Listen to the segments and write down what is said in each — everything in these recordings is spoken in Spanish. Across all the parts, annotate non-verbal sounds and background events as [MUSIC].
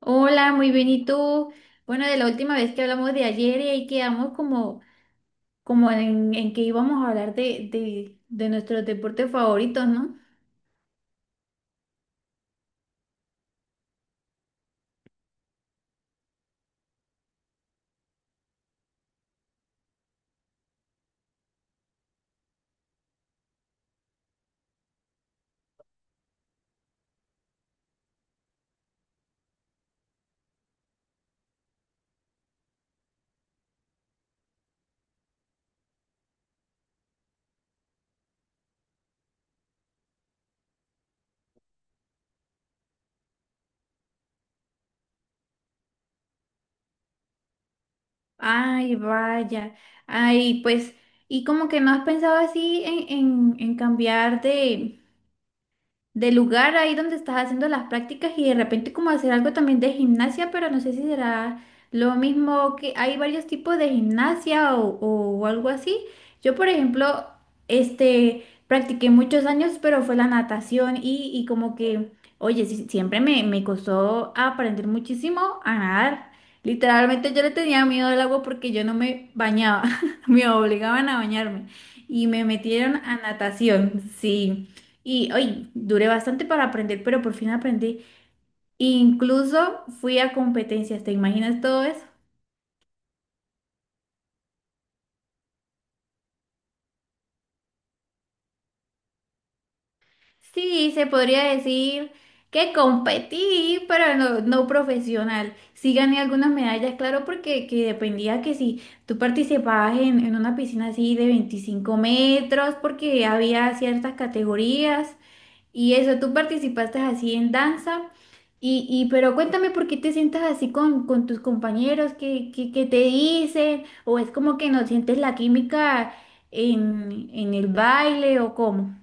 Hola, muy bien. ¿Y tú? Bueno, de la última vez que hablamos de ayer y ahí quedamos como, como en que íbamos a hablar de nuestros deportes favoritos, ¿no? Ay, vaya. Ay, pues, y como que no has pensado así en, en cambiar de, del lugar ahí donde estás haciendo las prácticas y de repente como hacer algo también de gimnasia, pero no sé si será lo mismo que hay varios tipos de gimnasia o algo así. Yo, por ejemplo, este, practiqué muchos años, pero fue la natación y como que, oye, sí, siempre me, me costó aprender muchísimo a nadar. Literalmente yo le tenía miedo al agua porque yo no me bañaba, [LAUGHS] me obligaban a bañarme y me metieron a natación, sí. Y hoy duré bastante para aprender, pero por fin aprendí. Incluso fui a competencias, ¿te imaginas todo eso? Sí, se podría decir que competí, pero no, no profesional. Sí gané algunas medallas, claro, porque que dependía que si tú participabas en una piscina así de 25 metros, porque había ciertas categorías. Y eso, tú participaste así en danza. Y pero cuéntame por qué te sientas así con tus compañeros, qué, qué te dicen, o es como que no sientes la química en el baile o cómo.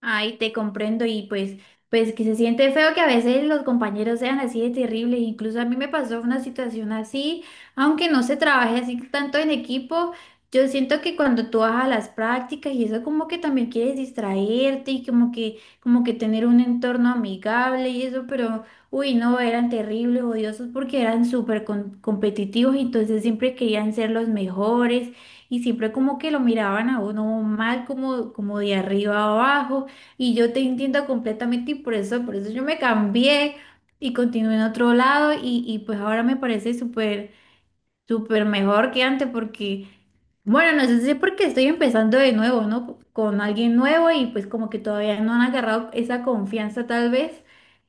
Ay, te comprendo y pues, pues que se siente feo que a veces los compañeros sean así de terribles. Incluso a mí me pasó una situación así, aunque no se trabaje así tanto en equipo. Yo siento que cuando tú vas a las prácticas y eso como que también quieres distraerte y como que tener un entorno amigable y eso, pero uy, no, eran terribles, odiosos porque eran súper competitivos y entonces siempre querían ser los mejores y siempre como que lo miraban a uno mal como, como de arriba a abajo. Y yo te entiendo completamente y por eso yo me cambié y continué en otro lado y pues ahora me parece súper, súper mejor que antes porque, bueno, no sé si es porque estoy empezando de nuevo, ¿no? Con alguien nuevo y pues como que todavía no han agarrado esa confianza tal vez.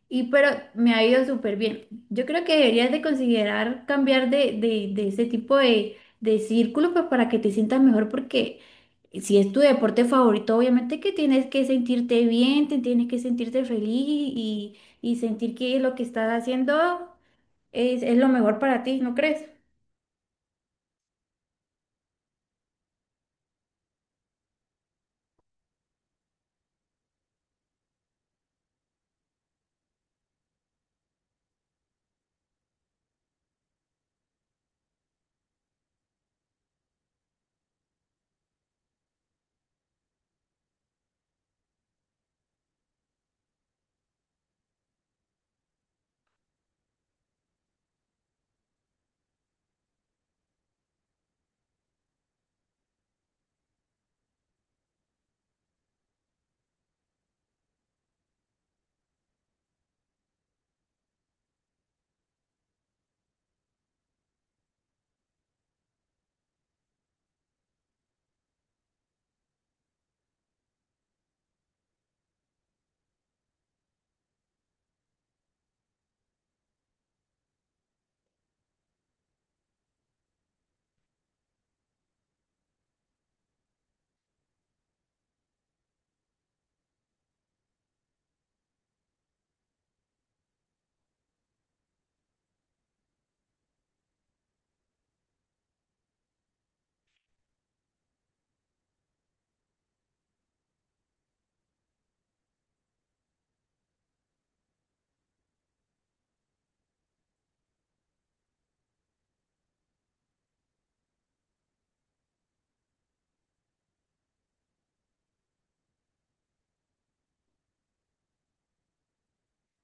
Y pero me ha ido súper bien. Yo creo que deberías de considerar cambiar de, de ese tipo de círculo pues para que te sientas mejor porque si es tu deporte favorito, obviamente que tienes que sentirte bien, te tienes que sentirte feliz y sentir que lo que estás haciendo es lo mejor para ti, ¿no crees?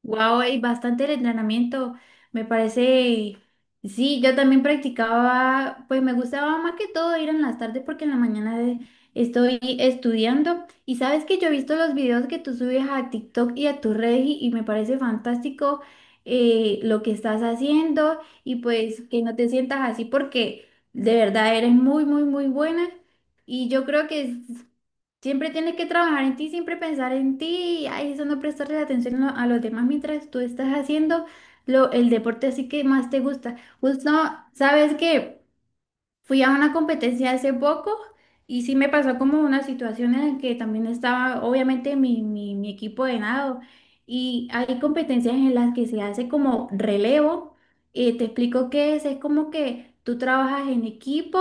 Wow, hay bastante el entrenamiento, me parece. Sí, yo también practicaba, pues me gustaba más que todo ir en las tardes porque en la mañana estoy estudiando. Y sabes que yo he visto los videos que tú subes a TikTok y a tu red y me parece fantástico lo que estás haciendo y pues que no te sientas así porque de verdad eres muy, muy, muy buena. Y yo creo que siempre tienes que trabajar en ti, siempre pensar en ti, ay, eso no prestarle atención a los demás mientras tú estás haciendo lo, el deporte así que más te gusta. Justo, ¿sabes qué? Fui a una competencia hace poco y sí me pasó como una situación en la que también estaba obviamente mi, mi equipo de nado y hay competencias en las que se hace como relevo. Te explico qué es como que tú trabajas en equipo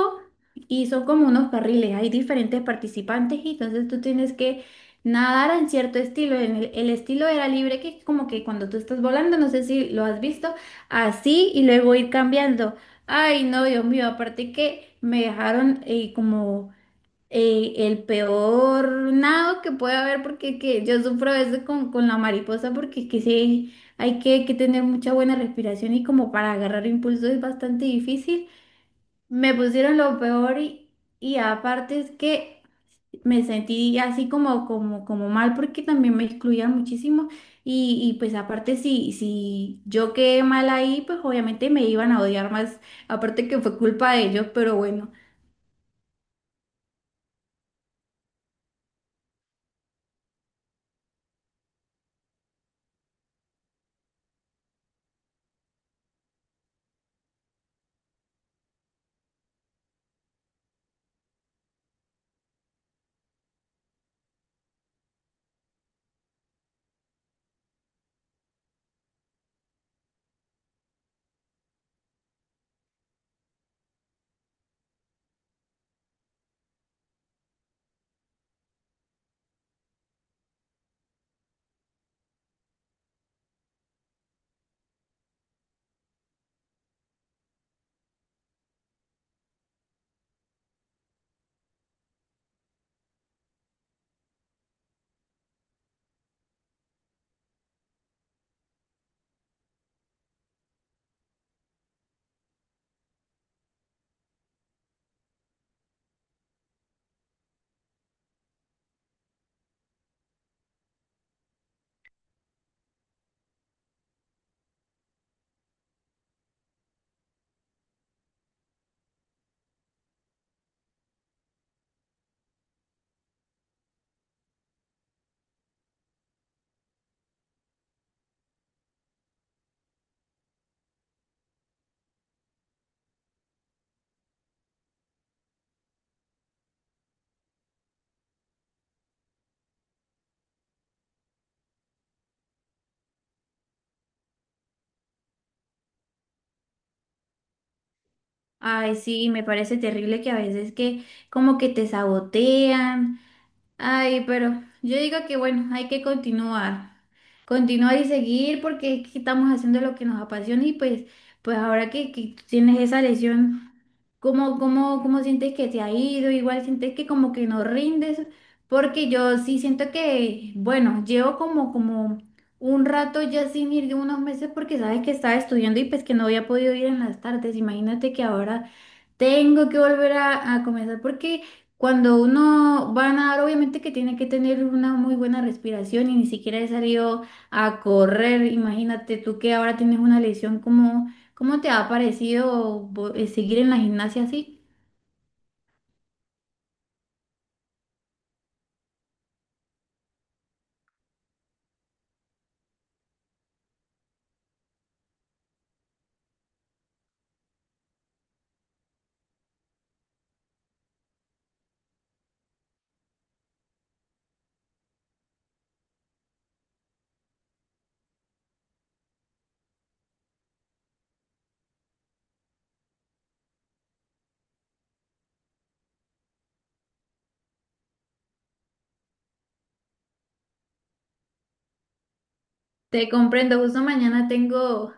y son como unos carriles, hay diferentes participantes y entonces tú tienes que nadar en cierto estilo. En el estilo era libre que es como que cuando tú estás volando, no sé si lo has visto, así y luego ir cambiando. Ay, no, Dios mío, aparte que me dejaron como el peor nado que puede haber, porque que yo sufro a veces con la mariposa, porque es que sí, hay que tener mucha buena respiración y como para agarrar impulso es bastante difícil. Me pusieron lo peor y aparte es que me sentí así como, como, como mal porque también me excluían muchísimo y pues aparte si, si yo quedé mal ahí, pues obviamente me iban a odiar más, aparte que fue culpa de ellos, pero bueno, ay, sí, me parece terrible que a veces que como que te sabotean, ay, pero yo digo que bueno, hay que continuar. Continuar y seguir porque es que estamos haciendo lo que nos apasiona y pues, pues ahora que tienes esa lesión. ¿Cómo, cómo sientes que te ha ido? Igual sientes que como que no rindes, porque yo sí siento que, bueno, llevo como, como un rato ya sin ir de unos meses porque sabes que estaba estudiando y pues que no había podido ir en las tardes. Imagínate que ahora tengo que volver a comenzar porque cuando uno va a nadar, obviamente que tiene que tener una muy buena respiración y ni siquiera he salido a correr. Imagínate tú que ahora tienes una lesión, ¿cómo, cómo te ha parecido seguir en la gimnasia así? Te comprendo, justo mañana tengo,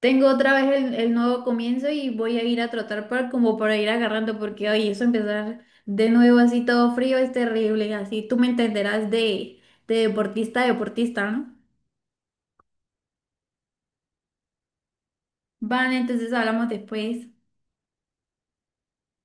tengo otra vez el nuevo comienzo y voy a ir a trotar para, como para ir agarrando porque hoy eso empezar de nuevo así todo frío es terrible, así tú me entenderás de deportista a deportista, ¿no? Vale, entonces hablamos después.